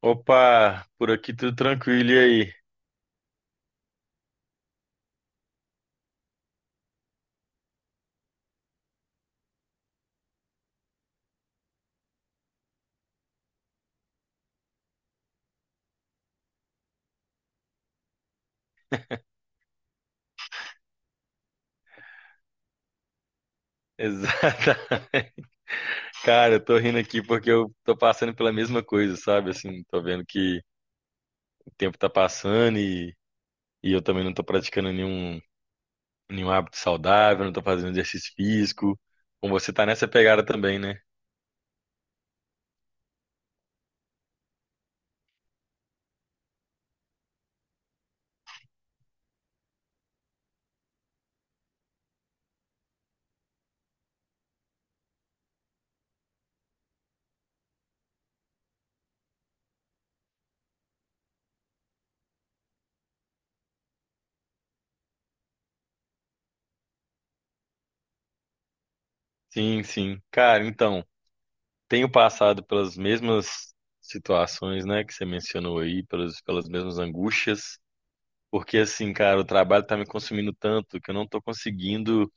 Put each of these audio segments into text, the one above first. Opa, por aqui tudo tranquilo, e aí? Exatamente. Cara, eu tô rindo aqui porque eu tô passando pela mesma coisa, sabe? Assim, tô vendo que o tempo tá passando e eu também não tô praticando nenhum hábito saudável, não tô fazendo exercício físico. Com você tá nessa pegada também, né? Sim, sim. Cara, então, tenho passado pelas mesmas situações, né, que você mencionou aí, pelas mesmas angústias, porque assim, cara, o trabalho tá me consumindo tanto que eu não tô conseguindo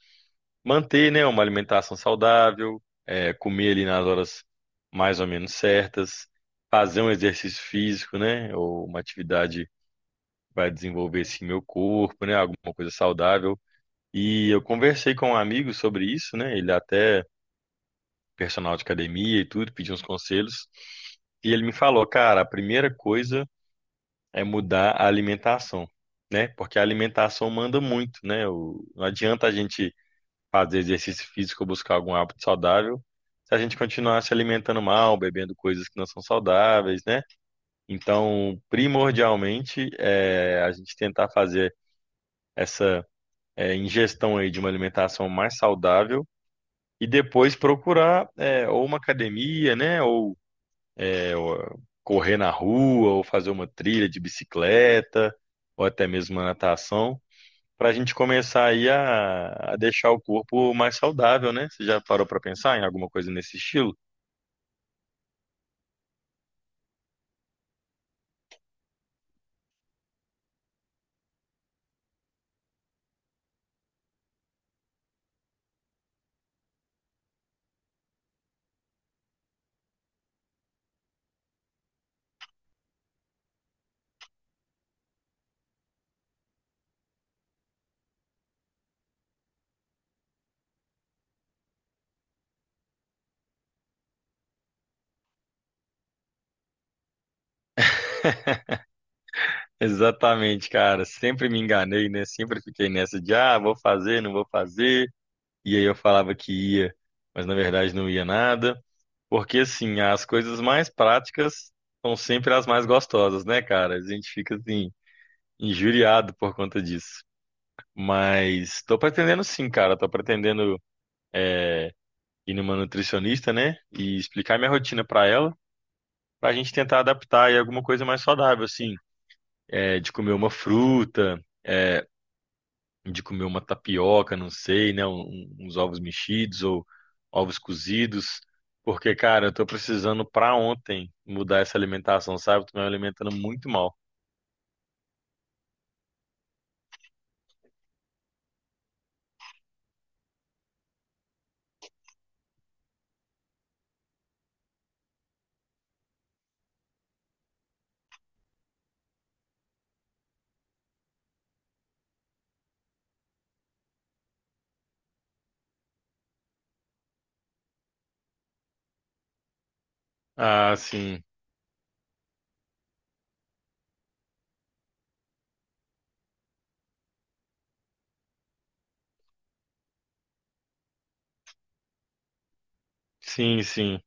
manter, né, uma alimentação saudável, é, comer ali nas horas mais ou menos certas, fazer um exercício físico, né, ou uma atividade que vai desenvolver assim meu corpo, né, alguma coisa saudável. E eu conversei com um amigo sobre isso, né, ele até personal de academia e tudo, pedi uns conselhos, e ele me falou, cara, a primeira coisa é mudar a alimentação. Né? Porque a alimentação manda muito, né? Não adianta a gente fazer exercício físico ou buscar algum hábito saudável, se a gente continuar se alimentando mal, bebendo coisas que não são saudáveis, né? Então, primordialmente, é a gente tentar fazer essa é, ingestão aí de uma alimentação mais saudável e depois procurar é, ou uma academia, né? Ou, é, ou correr na rua, ou fazer uma trilha de bicicleta, ou até mesmo uma natação para a gente começar aí a deixar o corpo mais saudável, né? Você já parou para pensar em alguma coisa nesse estilo? Exatamente, cara. Sempre me enganei, né? Sempre fiquei nessa de, ah, vou fazer, não vou fazer. E aí eu falava que ia, mas na verdade não ia nada. Porque, assim, as coisas mais práticas são sempre as mais gostosas, né, cara? A gente fica, assim, injuriado por conta disso. Mas tô pretendendo sim, cara. Tô pretendendo ir numa nutricionista, né? E explicar minha rotina pra ela para a gente tentar adaptar e alguma coisa mais saudável, assim, é, de comer uma fruta, é, de comer uma tapioca, não sei, né, uns ovos mexidos ou ovos cozidos, porque, cara, eu tô precisando para ontem mudar essa alimentação, sabe? Eu tô me alimentando muito mal. Ah, sim, sim, sim.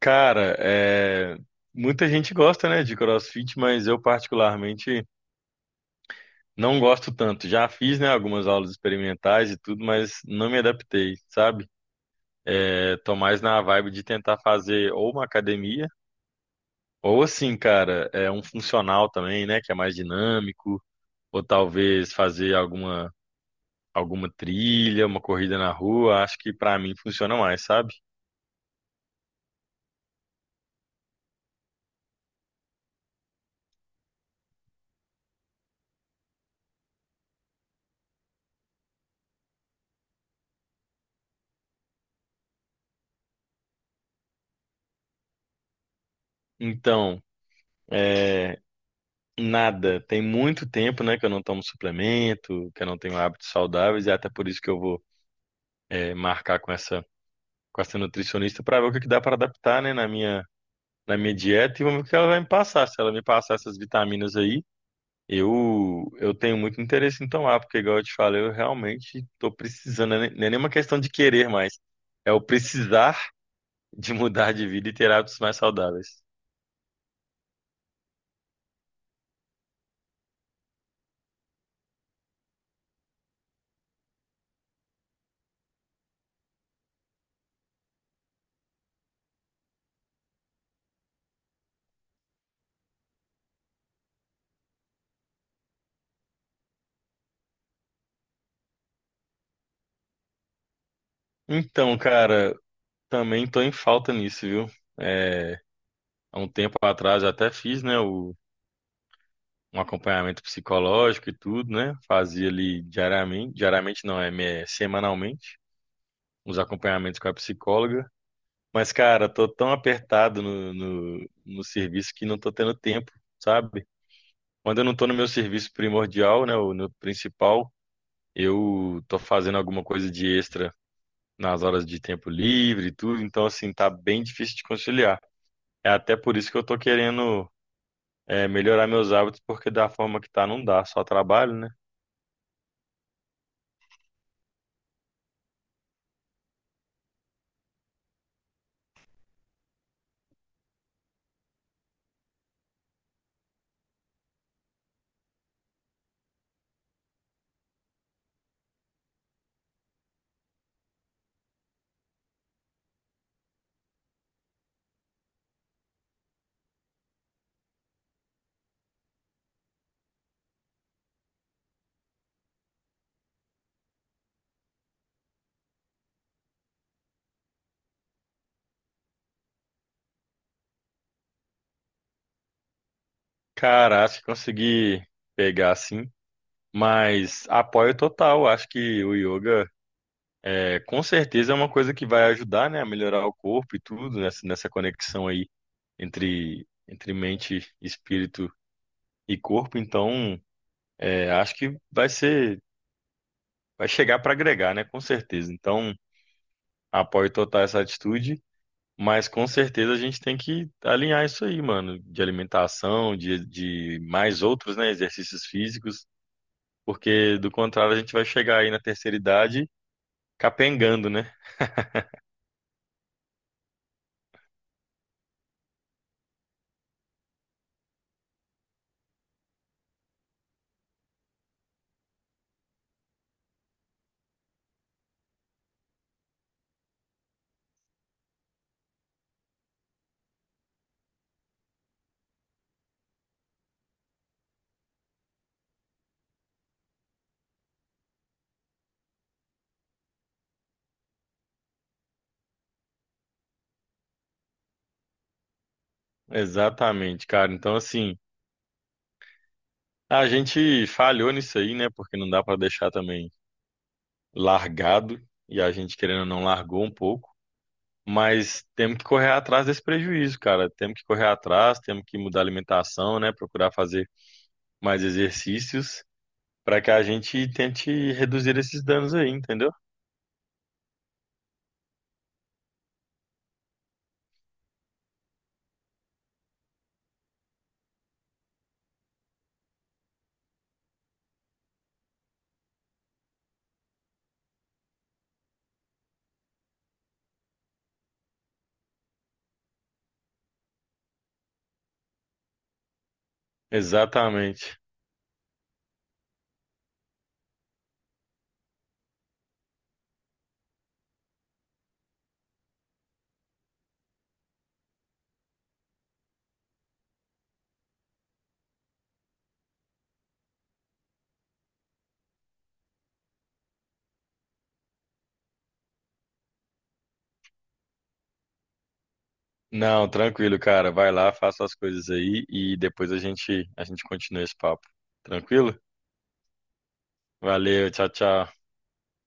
Cara, é, muita gente gosta, né, de CrossFit, mas eu particularmente não gosto tanto. Já fiz, né, algumas aulas experimentais e tudo, mas não me adaptei, sabe? É, tô mais na vibe de tentar fazer ou uma academia, ou assim, cara, é um funcional também, né? Que é mais dinâmico, ou talvez fazer alguma, alguma trilha, uma corrida na rua. Acho que pra mim funciona mais, sabe? Então, é, nada. Tem muito tempo, né, que eu não tomo suplemento, que eu não tenho hábitos saudáveis, e é até por isso que eu vou, é, marcar com essa nutricionista pra ver o que que dá pra adaptar, né, na minha. Na minha dieta e vamos ver o que ela vai me passar. Se ela me passar essas vitaminas aí, eu tenho muito interesse em tomar, porque, igual eu te falei, eu realmente estou precisando. Não é nem não é nem uma questão de querer mais. É o precisar de mudar de vida e ter hábitos mais saudáveis. Então, cara, também estou em falta nisso, viu? É, há um tempo atrás eu até fiz, né, o, um acompanhamento psicológico e tudo, né? Fazia ali diariamente, diariamente não, é é semanalmente, uns acompanhamentos com a psicóloga. Mas, cara, tô tão apertado no serviço que não tô tendo tempo, sabe? Quando eu não tô no meu serviço primordial, né, o no principal, eu tô fazendo alguma coisa de extra nas horas de tempo livre e tudo, então, assim, tá bem difícil de conciliar. É até por isso que eu tô querendo, é, melhorar meus hábitos, porque da forma que tá, não dá, só trabalho, né? Cara, acho que consegui pegar, assim, mas apoio total, acho que o yoga. É, com certeza é uma coisa que vai ajudar, né, a melhorar o corpo e tudo, nessa, nessa conexão aí entre, entre mente, espírito e corpo. Então, é, acho que vai ser, vai chegar para agregar, né, com certeza. Então, apoio total essa atitude, mas com certeza a gente tem que alinhar isso aí, mano, de alimentação, de mais outros, né, exercícios físicos, porque do contrário a gente vai chegar aí na terceira idade capengando, né? Exatamente, cara. Então, assim. A gente falhou nisso aí, né? Porque não dá para deixar também largado e a gente querendo ou não largou um pouco, mas temos que correr atrás desse prejuízo, cara. Temos que correr atrás, temos que mudar a alimentação, né? Procurar fazer mais exercícios para que a gente tente reduzir esses danos aí, entendeu? Exatamente. Não, tranquilo, cara. Vai lá, faça as coisas aí e depois a gente continua esse papo. Tranquilo? Valeu, tchau, tchau.